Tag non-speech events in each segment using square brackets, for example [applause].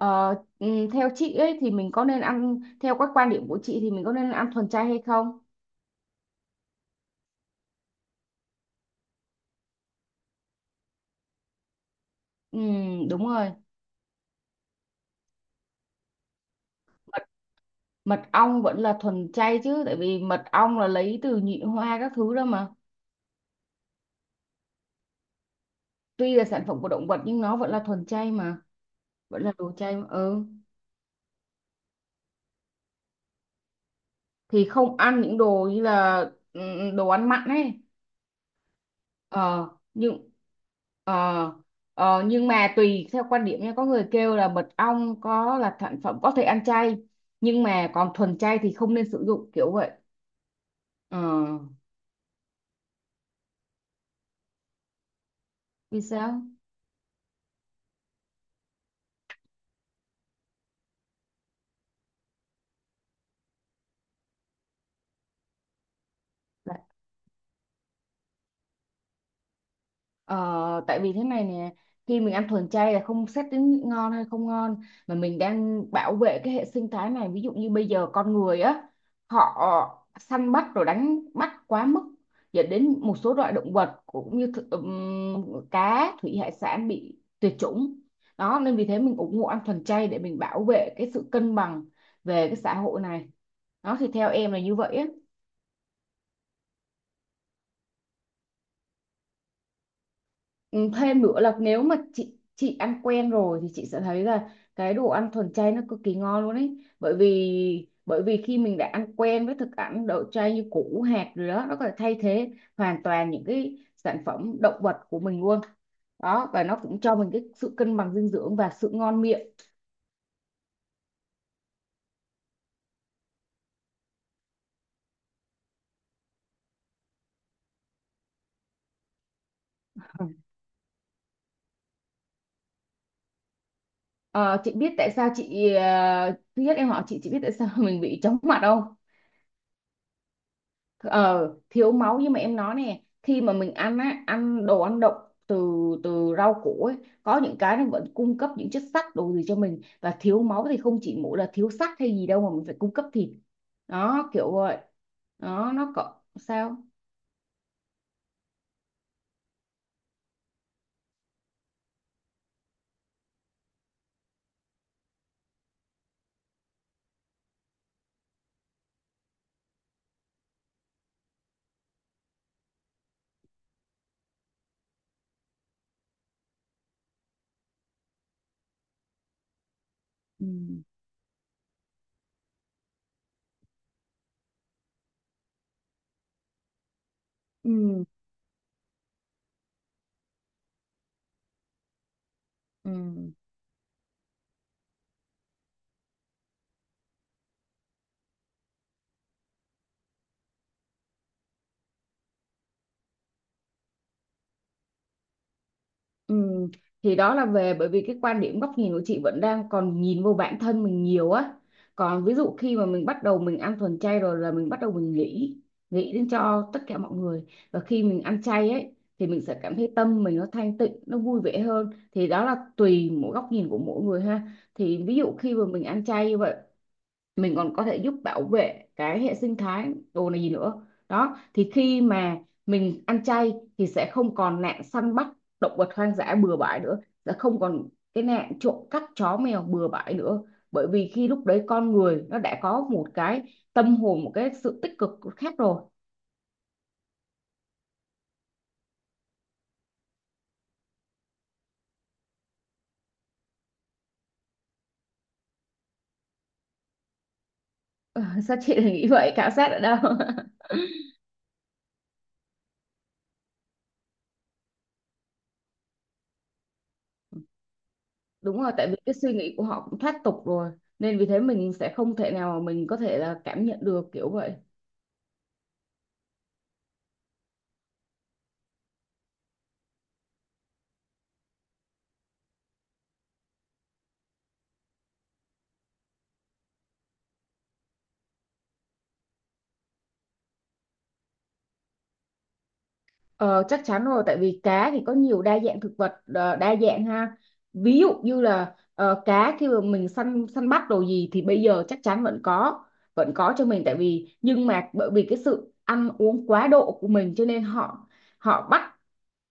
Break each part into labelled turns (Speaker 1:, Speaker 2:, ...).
Speaker 1: Ờ, ừ, theo chị ấy thì mình có nên ăn, theo các quan điểm của chị thì mình có nên ăn thuần chay hay không? Ừ, đúng rồi. Mật, mật ong vẫn là thuần chay chứ, tại vì mật ong là lấy từ nhị hoa các thứ đó mà. Tuy là sản phẩm của động vật nhưng nó vẫn là thuần chay mà, vẫn là đồ chay mà. Ừ. Thì không ăn những đồ như là, đồ ăn mặn ấy. ờ nhưng ờ nhưng mà tùy theo quan điểm nha, có người kêu là mật ong có là sản phẩm có thể ăn chay, nhưng mà còn thuần chay thì không nên sử dụng kiểu vậy. ờ Vì sao? Ờ, tại vì thế này nè, khi mình ăn thuần chay là không xét đến ngon hay không ngon, mà mình đang bảo vệ cái hệ sinh thái này. Ví dụ như bây giờ con người á, họ săn bắt rồi đánh bắt quá mức, dẫn đến một số loại động vật cũng như cá thủy hải sản bị tuyệt chủng. Đó nên vì thế mình ủng hộ ăn thuần chay để mình bảo vệ cái sự cân bằng về cái xã hội này. Đó thì theo em là như vậy á. Ừ, thêm nữa là nếu mà chị ăn quen rồi thì chị sẽ thấy là cái đồ ăn thuần chay nó cực kỳ ngon luôn ấy, bởi vì khi mình đã ăn quen với thực ăn đậu chay như củ hạt rồi đó, nó có thể thay thế hoàn toàn những cái sản phẩm động vật của mình luôn. Đó, và nó cũng cho mình cái sự cân bằng dinh dưỡng và sự ngon miệng. Ừ. Ờ, chị biết tại sao chị, ờ, thứ nhất em hỏi chị biết tại sao [laughs] mình bị chóng mặt không? Ờ, thiếu máu, nhưng mà em nói nè, khi mà mình ăn á, ăn đồ ăn đậu, từ từ rau củ ấy, có những cái nó vẫn cung cấp những chất sắt đồ gì cho mình, và thiếu máu thì không chỉ mỗi là thiếu sắt hay gì đâu mà mình phải cung cấp thịt. Đó, kiểu vậy đó, nó có sao. Ừ. Ừ. Ừ. Ừ, thì đó là về, bởi vì cái quan điểm góc nhìn của chị vẫn đang còn nhìn vô bản thân mình nhiều á. Còn ví dụ khi mà mình bắt đầu mình ăn thuần chay rồi là mình bắt đầu mình nghĩ nghĩ đến cho tất cả mọi người. Và khi mình ăn chay ấy thì mình sẽ cảm thấy tâm mình nó thanh tịnh, nó vui vẻ hơn. Thì đó là tùy mỗi góc nhìn của mỗi người ha. Thì ví dụ khi mà mình ăn chay như vậy, mình còn có thể giúp bảo vệ cái hệ sinh thái đồ này gì nữa. Đó thì khi mà mình ăn chay thì sẽ không còn nạn săn bắt động vật hoang dã bừa bãi nữa, sẽ không còn cái nạn trộm cắp chó mèo bừa bãi nữa, bởi vì khi lúc đấy con người nó đã có một cái tâm hồn, một cái sự tích cực khác rồi. Ờ, sao chị lại nghĩ vậy, khảo sát ở đâu? [laughs] Đúng rồi, tại vì cái suy nghĩ của họ cũng thoát tục rồi, nên vì thế mình sẽ không thể nào mà mình có thể là cảm nhận được, kiểu vậy. Ờ, chắc chắn rồi, tại vì cá thì có nhiều đa dạng thực vật, ờ, đa dạng ha. Ví dụ như là, ờ, cá khi mà mình săn, săn bắt đồ gì, thì bây giờ chắc chắn vẫn có, vẫn có cho mình, tại vì, nhưng mà bởi vì cái sự ăn uống quá độ của mình, cho nên họ, họ bắt,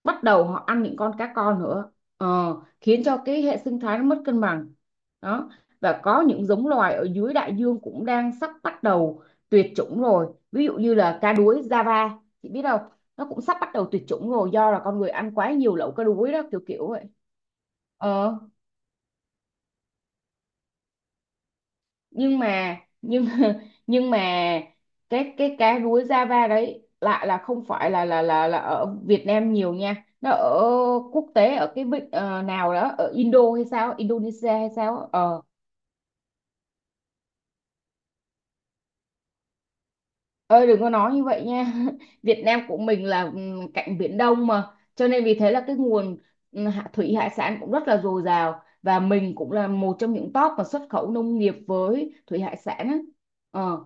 Speaker 1: bắt đầu họ ăn những con cá con nữa. Ờ, khiến cho cái hệ sinh thái nó mất cân bằng. Đó, và có những giống loài ở dưới đại dương cũng đang sắp bắt đầu tuyệt chủng rồi. Ví dụ như là cá đuối Java, chị biết không? Nó cũng sắp bắt đầu tuyệt chủng rồi, do là con người ăn quá nhiều lẩu cá đuối đó, kiểu kiểu vậy. ờ nhưng mà, nhưng [laughs] nhưng mà cái cá rúi Java đấy lại là không phải là ở Việt Nam nhiều nha, nó ở quốc tế, ở cái vịnh, ờ, nào đó ở Indo hay sao, Indonesia hay sao á. Ờ Ơi đừng có nói như vậy nha. [laughs] Việt Nam của mình là, cạnh Biển Đông mà, cho nên vì thế là cái nguồn, thủy hải sản cũng rất là dồi dào, và mình cũng là một trong những top mà xuất khẩu nông nghiệp với thủy hải sản á. ờ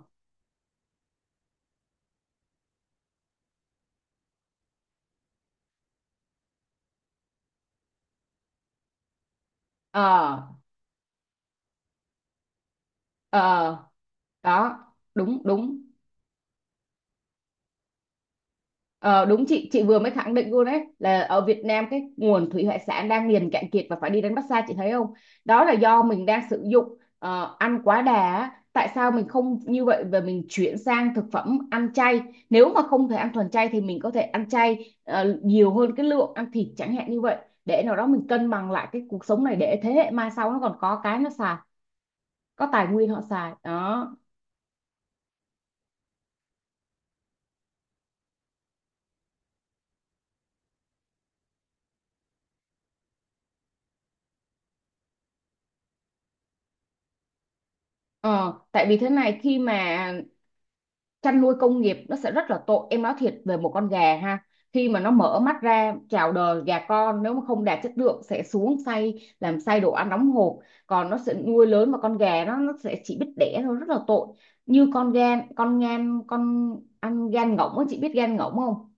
Speaker 1: ờ ờ Đó. Đúng đúng. Ờ, đúng, chị vừa mới khẳng định luôn đấy, là ở Việt Nam cái nguồn thủy hải sản đang liền cạn kiệt và phải đi đánh bắt xa, chị thấy không? Đó là do mình đang sử dụng, ờ, ăn quá đà á. Tại sao mình không như vậy và mình chuyển sang thực phẩm ăn chay? Nếu mà không thể ăn thuần chay thì mình có thể ăn chay, ờ, nhiều hơn cái lượng ăn thịt chẳng hạn như vậy, để nào đó mình cân bằng lại cái cuộc sống này, để thế hệ mai sau nó còn có cái nó xài, có tài nguyên họ xài đó. Ờ, tại vì thế này, khi mà chăn nuôi công nghiệp nó sẽ rất là tội. Em nói thiệt về một con gà ha, khi mà nó mở mắt ra chào đời, gà con nếu mà không đạt chất lượng sẽ xuống xay, làm xay đồ ăn đóng hộp. Còn nó sẽ nuôi lớn mà con gà nó sẽ chỉ biết đẻ thôi, rất là tội. Như con gan con, ngan con, ăn gan ngỗng á, chị biết gan ngỗng không?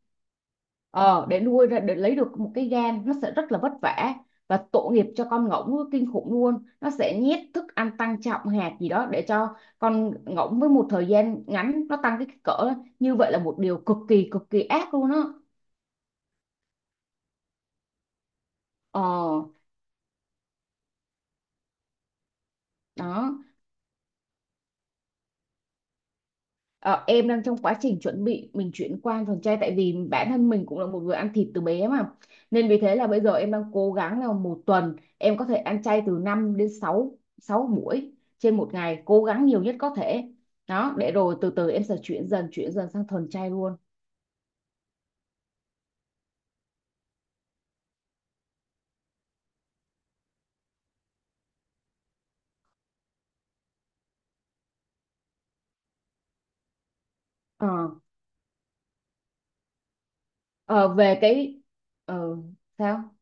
Speaker 1: Ờ, để nuôi ra để lấy được một cái gan nó sẽ rất là vất vả, và tội nghiệp cho con ngỗng kinh khủng luôn. Nó sẽ nhét thức ăn tăng trọng hạt gì đó, để cho con ngỗng với một thời gian ngắn nó tăng cái kích cỡ. Như vậy là một điều cực kỳ ác luôn á. ờ Đó. Ờ, em đang trong quá trình chuẩn bị mình chuyển qua ăn thuần chay, tại vì bản thân mình cũng là một người ăn thịt từ bé mà. Nên vì thế là bây giờ em đang cố gắng là một tuần em có thể ăn chay từ 5 đến 6 sáu sáu buổi trên một ngày, cố gắng nhiều nhất có thể. Đó, để rồi từ từ em sẽ chuyển dần sang thuần chay luôn. ờ, ờ, Về cái, ờ, sao.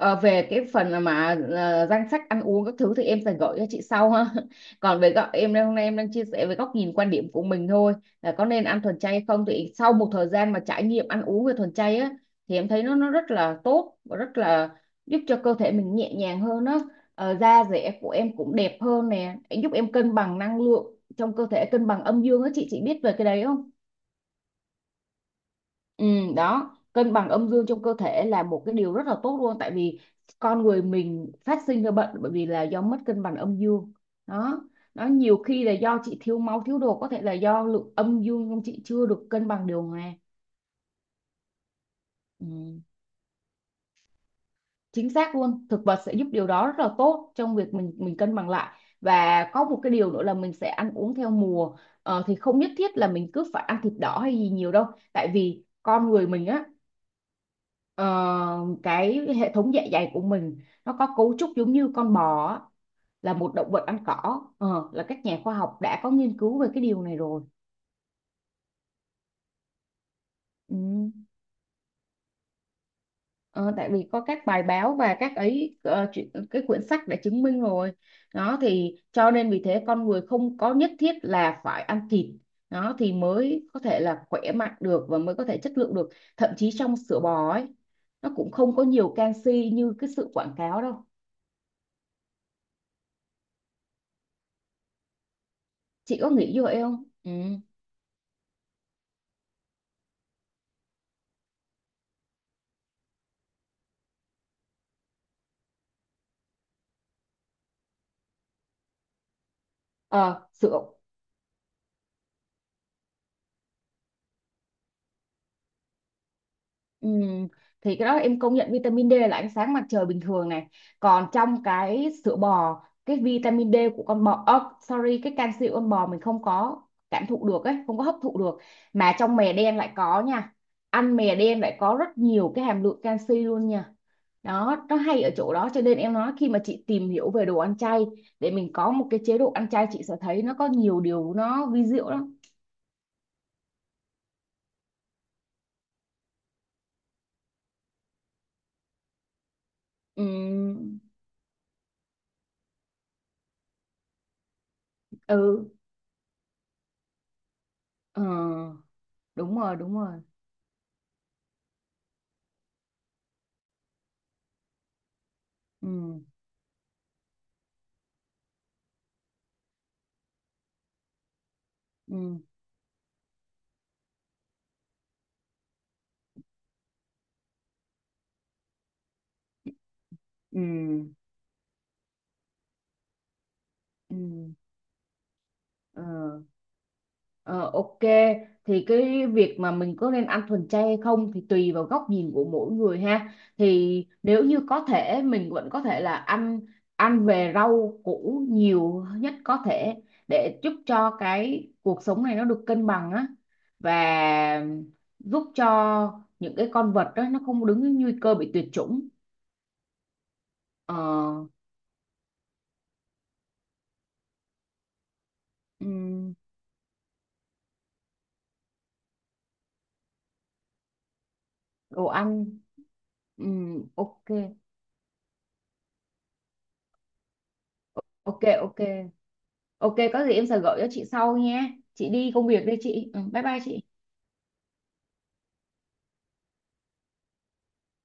Speaker 1: Ờ, về cái phần mà, ờ, danh sách ăn uống các thứ thì em sẽ gửi cho chị sau ha. [laughs] Còn về góc hôm nay em đang chia sẻ về góc nhìn quan điểm của mình thôi, là có nên ăn thuần chay hay không. Thì sau một thời gian mà trải nghiệm ăn uống về thuần chay á, thì em thấy nó, rất là tốt và rất là giúp cho cơ thể mình nhẹ nhàng hơn á. Ờ, da dẻ của em cũng đẹp hơn nè, giúp em cân bằng năng lượng trong cơ thể, cân bằng âm dương á. Chị biết về cái đấy không? Ừ, đó, cân bằng âm dương trong cơ thể là một cái điều rất là tốt luôn, tại vì con người mình phát sinh ra bệnh bởi vì là do mất cân bằng âm dương. Đó, nó nhiều khi là do chị thiếu máu, thiếu đồ, có thể là do lượng âm dương trong chị chưa được cân bằng điều hòa. Ừ, chính xác luôn, thực vật sẽ giúp điều đó rất là tốt trong việc mình cân bằng lại. Và có một cái điều nữa là mình sẽ ăn uống theo mùa. Ờ, thì không nhất thiết là mình cứ phải ăn thịt đỏ hay gì nhiều đâu, tại vì con người mình á, ờ, cái hệ thống dạ dày của mình nó có cấu trúc giống như con bò á, là một động vật ăn cỏ. Ờ, là các nhà khoa học đã có nghiên cứu về cái điều này rồi. Ừ. Ờ, tại vì có các bài báo và các ấy, ờ, chuyện, cái quyển sách đã chứng minh rồi. Đó thì cho nên vì thế con người không có nhất thiết là phải ăn thịt đó thì mới có thể là khỏe mạnh được, và mới có thể chất lượng được. Thậm chí trong sữa bò ấy, nó cũng không có nhiều canxi như cái sự quảng cáo đâu. Chị có nghĩ như vậy không? Ừ. Ờ, sữa. Ừm, thì cái đó em công nhận, vitamin D là ánh sáng mặt trời bình thường này. Còn trong cái sữa bò, cái vitamin D của con bò, ơ, sorry, cái canxi của con bò mình không có cảm thụ được ấy, không có hấp thụ được. Mà trong mè đen lại có nha, ăn mè đen lại có rất nhiều cái hàm lượng canxi luôn nha. Đó, nó hay ở chỗ đó, cho nên em nói khi mà chị tìm hiểu về đồ ăn chay, để mình có một cái chế độ ăn chay, chị sẽ thấy nó có nhiều điều nó vi diệu lắm. Ừm. Ừ. Ờ, đúng rồi đúng rồi. Ừ. Ừ. Ừ. Ừ. ờ, ờ, ok. Thì cái việc mà mình có nên ăn thuần chay hay không thì tùy vào góc nhìn của mỗi người ha. Thì nếu như có thể, mình vẫn có thể là ăn, ăn về rau củ nhiều nhất có thể, để giúp cho cái cuộc sống này nó được cân bằng á, và giúp cho những cái con vật đó nó không đứng nguy cơ bị tuyệt chủng. Ờ. Ừ, đồ ăn. Ừ, ok. Ok. Ok ok, có gì em sẽ gửi cho chị sau nha. Chị đi công việc đây chị, ừ, bye bye chị.